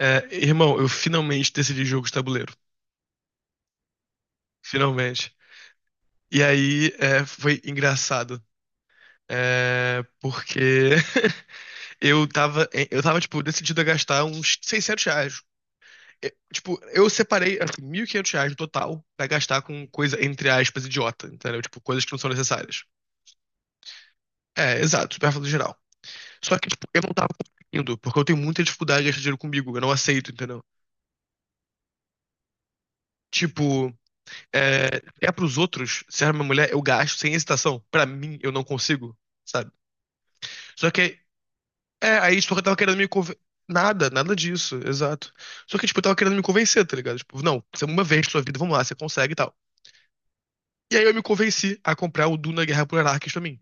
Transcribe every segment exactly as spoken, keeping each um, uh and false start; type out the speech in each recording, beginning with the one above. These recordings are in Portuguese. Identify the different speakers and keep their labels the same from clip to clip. Speaker 1: É, irmão, eu finalmente decidi jogo de tabuleiro. Finalmente. E aí é, foi engraçado. É, porque eu tava, é, eu tava, tipo, decidido a gastar uns seiscentos reais. Eu, tipo, eu separei, assim, mil e quinhentos reais no total pra gastar com coisa, entre aspas, idiota, entendeu? Tipo, coisas que não são necessárias. É, exato, superfluo geral. Só que, tipo, eu não tava conseguindo, porque eu tenho muita dificuldade de gastar dinheiro comigo, eu não aceito, entendeu? Tipo, É, é pros outros, se é uma mulher, eu gasto sem hesitação. Pra mim, eu não consigo, sabe? Só que, é, aí, só que eu tava querendo me convencer. Nada, nada disso, exato. Só que, tipo, eu tava querendo me convencer, tá ligado? Tipo, não, você é uma vez na sua vida, vamos lá, você consegue e tal. E aí eu me convenci a comprar o Duna Guerra por Arrakis pra mim,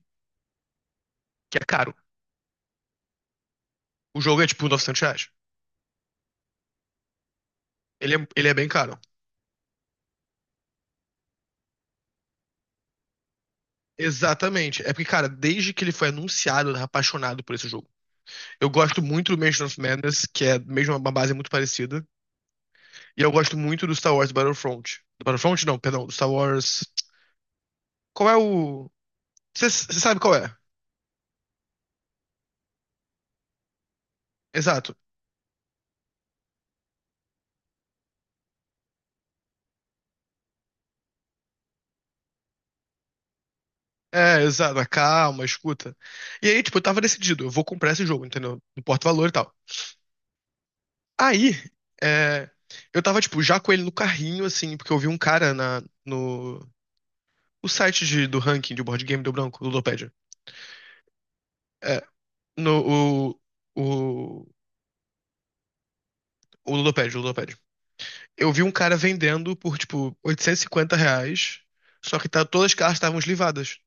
Speaker 1: que é caro. O jogo é, tipo, novecentos reais. Ele é, ele é bem caro. Exatamente. É porque, cara, desde que ele foi anunciado, eu tava apaixonado por esse jogo. Eu gosto muito do Mansion of Madness, que é mesmo uma base muito parecida. E eu gosto muito do Star Wars Battlefront. Do Battlefront, não, perdão, do Star Wars. Qual é o. Você sabe qual é? Exato. É, exato. A calma, a escuta. E aí, tipo, eu tava decidido, eu vou comprar esse jogo, entendeu? No porta-valor e tal. Aí, é, eu tava, tipo, já com ele no carrinho, assim, porque eu vi um cara na, no. O site de- do ranking de board game do branco, do Ludopédia. É, no. O, o, o Ludopédia, o. Eu vi um cara vendendo por, tipo, oitocentos e cinquenta reais, só que tá, todas as cartas estavam eslivadas.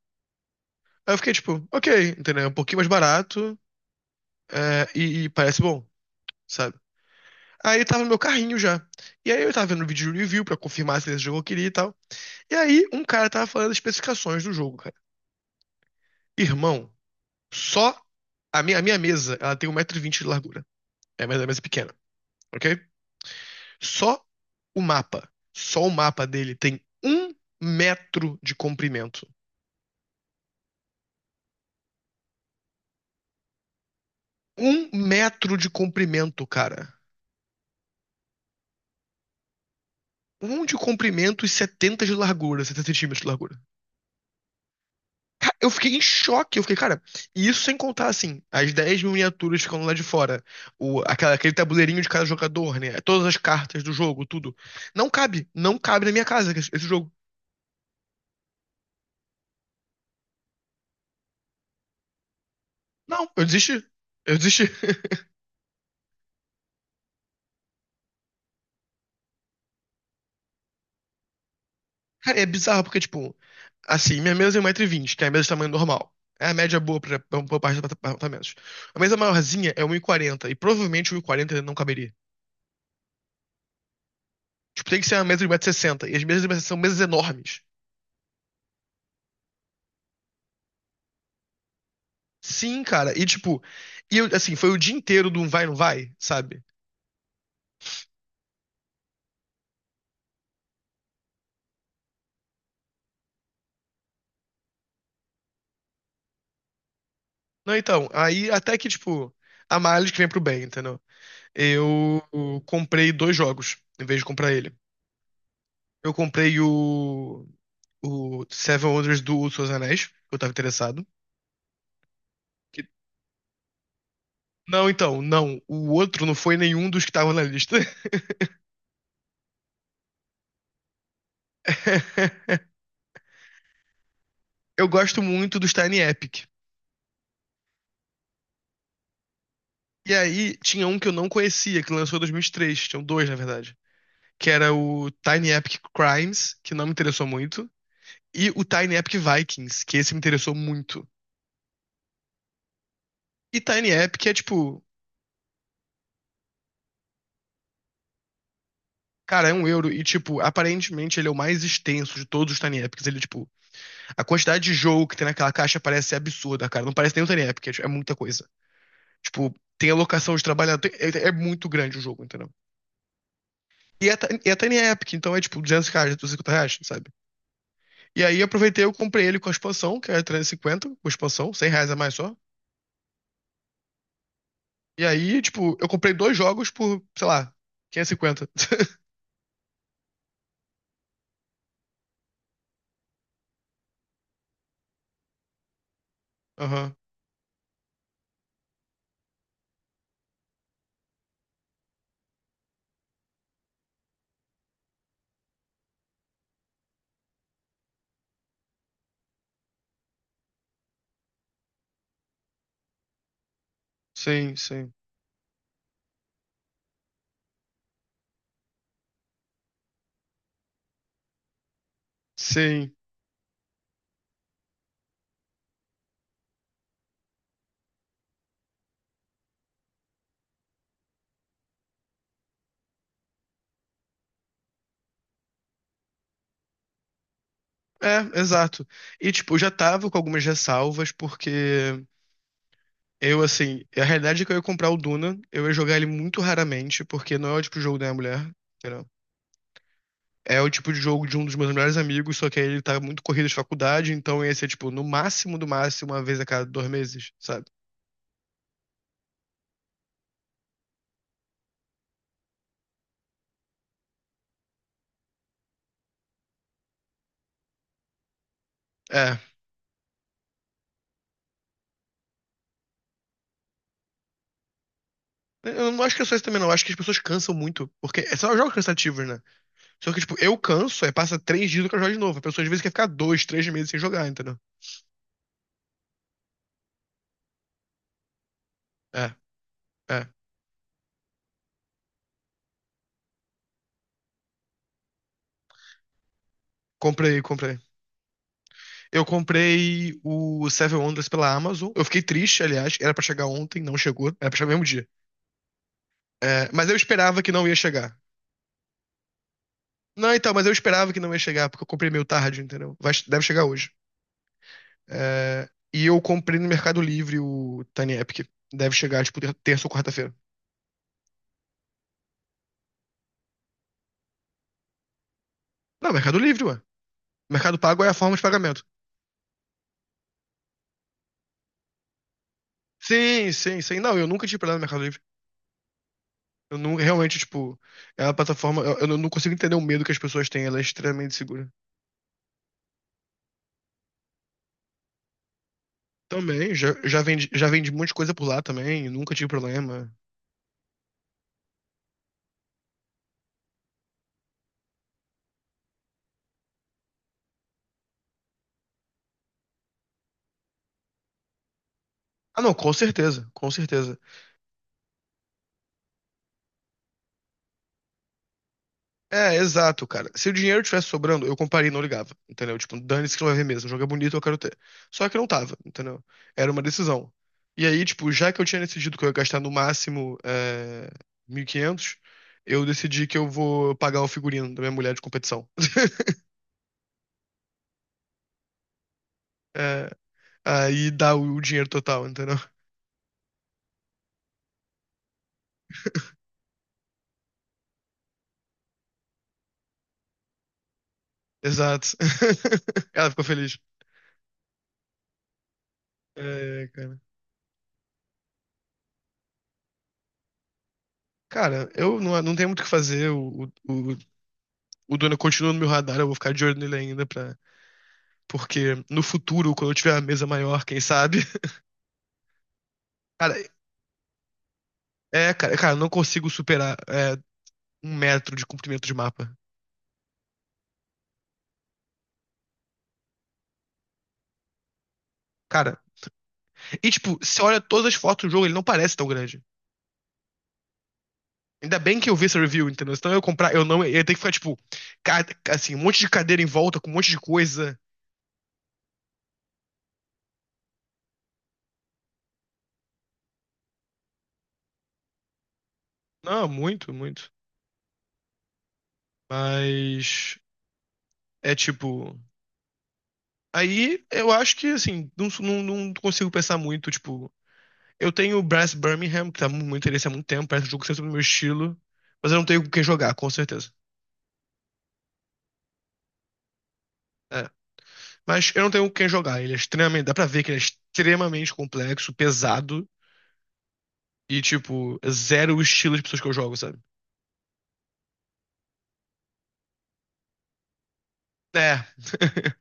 Speaker 1: Aí eu fiquei, tipo, ok, entendeu? É, um pouquinho mais barato, é, e, e parece bom, sabe? Aí tava no meu carrinho já. E aí eu tava vendo um vídeo de review pra confirmar se esse jogo eu queria e tal. E aí um cara tava falando das especificações do jogo, cara. Irmão, só a minha, a minha mesa, ela tem um metro e vinte de largura. É a mesa, a mesa pequena, ok? Só o mapa, só o mapa dele tem um metro de comprimento. Um metro de comprimento, cara. Um de comprimento e setenta de largura, setenta centímetros de largura. Ca- Eu fiquei em choque. Eu fiquei, cara, e isso sem contar, assim, as dez miniaturas ficando lá de fora. O, aquela, aquele tabuleirinho de cada jogador, né? Todas as cartas do jogo, tudo. Não cabe. Não cabe na minha casa esse esse jogo. Não, eu desisti. Eu desisti. Cara, é bizarro porque, tipo, assim, minha mesa é um metro e vinte, que é a mesa de tamanho normal. É a média boa pra, pra, pra parte dos apartamentos. A mesa maiorzinha é um e quarenta e provavelmente um e quarenta não caberia. Tipo, tem que ser uma mesa de um metro e sessenta, e sessenta, e as mesas de um metro e sessenta são mesas enormes. Sim, cara, e tipo, e eu, assim, foi o dia inteiro do um vai, não vai, sabe? Não, então, aí até que, tipo, a males que vem pro bem, entendeu? Eu comprei dois jogos, em vez de comprar ele. Eu comprei o, o Seven Wonders do Senhor dos Anéis, que eu tava interessado. Que- Não, então, não. O outro não foi nenhum dos que estavam na lista. Eu gosto muito dos Tiny Epic. E aí tinha um que eu não conhecia, que lançou em dois mil e três. Tinham dois, na verdade. Que era o Tiny Epic Crimes, que não me interessou muito. E o Tiny Epic Vikings, que esse me interessou muito. E Tiny Epic é tipo. Cara, é um euro. E, tipo, aparentemente ele é o mais extenso de todos os Tiny Epics. Ele, tipo, a quantidade de jogo que tem naquela caixa parece ser absurda, cara. Não parece nem um Tiny Epic, é, tipo, é muita coisa. Tipo, tem alocação de trabalhador. tem- É, é muito grande o jogo, entendeu? E é, ta- e é Tiny Epic, então é tipo duzentos reais, duzentos e cinquenta reais, sabe? E aí eu aproveitei, eu comprei ele com a expansão, que era trezentos e cinquenta com a expansão, cem reais a mais só. E aí, tipo, eu comprei dois jogos por, sei lá, quinhentos e cinquenta. Aham. Sim, sim. Sim. É, exato. E, tipo, eu já tava com algumas ressalvas, porque eu, assim, a realidade é que eu ia comprar o Duna, eu ia jogar ele muito raramente, porque não é o tipo de jogo da minha mulher. É o tipo de jogo de um dos meus melhores amigos, só que aí ele tá muito corrido de faculdade, então ia ser, tipo, no máximo do máximo, uma vez a cada dois meses, sabe? É. Eu não acho que é só isso também, não. Eu acho que as pessoas cansam muito. Porque são jogos cansativos, né? Só que, tipo, eu canso, aí passa três dias eu quero jogar de novo. A pessoa às vezes quer ficar dois, três meses sem jogar, entendeu? É, é. Comprei, comprei. Eu comprei o Seven Wonders pela Amazon. Eu fiquei triste, aliás. Era pra chegar ontem, não chegou. Era pra chegar no mesmo dia. É, mas eu esperava que não ia chegar. Não, então, mas eu esperava que não ia chegar, porque eu comprei meio tarde, entendeu? Vai- deve chegar hoje. É, e eu comprei no Mercado Livre o Tiny Epic. Deve chegar, tipo, ter- terça ou quarta-feira. Não, Mercado Livre, ué. Mercado Pago é a forma de pagamento. Sim, sim, sim. Não, eu nunca tive parado no Mercado Livre. Eu nunca, realmente, tipo, é uma plataforma. Eu, eu não consigo entender o medo que as pessoas têm, ela é extremamente segura. Também, já, já vendi, já vendi um monte de coisa por lá também, nunca tive problema. Ah, não, com certeza, com certeza. É, exato, cara. Se o dinheiro tivesse sobrando, eu compraria e não ligava, entendeu? Tipo, dane-se que não vai ver mesmo. O jogo é bonito, eu quero ter. Só que não tava, entendeu? Era uma decisão. E aí, tipo, já que eu tinha decidido que eu ia gastar no máximo é, mil e quinhentos, eu decidi que eu vou pagar o figurino da minha mulher de competição. É, aí dá o, o dinheiro total, entendeu? Exato. Ela ficou feliz. É, cara. Cara, eu não, não tenho muito o que fazer. O, o, o o Duna continua no meu radar, eu vou ficar de olho nele ainda pra. Porque no futuro, quando eu tiver a mesa maior, quem sabe? Cara, é, cara, cara, eu não consigo superar é, um metro de comprimento de mapa. Cara, e tipo, se olha todas as fotos do jogo, ele não parece tão grande. Ainda bem que eu vi essa review, entendeu? Senão eu ia comprar, eu não, eu ia ter que ficar, tipo, ca- assim, um monte de cadeira em volta, com um monte de coisa. Não, muito, muito. Mas é tipo. Aí eu acho que, assim, não, não, não consigo pensar muito, tipo. Eu tenho o Brass Birmingham, que tá mu- muito interesse há muito tempo, parece um jogo sempre do meu estilo, mas eu não tenho com quem jogar, com certeza. É. Mas eu não tenho com quem jogar, ele é extremamente, dá pra ver que ele é extremamente complexo, pesado e, tipo, é zero o estilo de pessoas que eu jogo, sabe? É.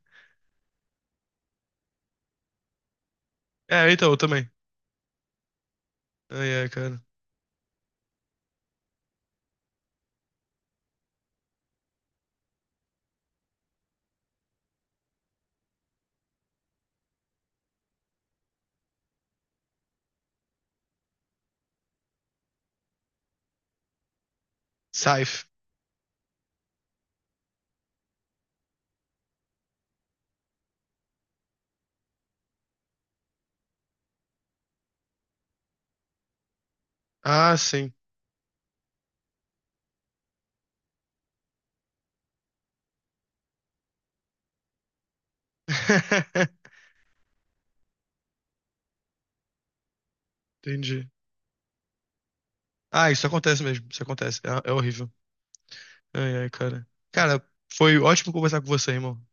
Speaker 1: É, então, eu também. Ai, ai, cara. Scythe. Ah, sim. Entendi. Ah, isso acontece mesmo, isso acontece. É, é horrível. Ai, ai, cara. Cara, foi ótimo conversar com você, irmão.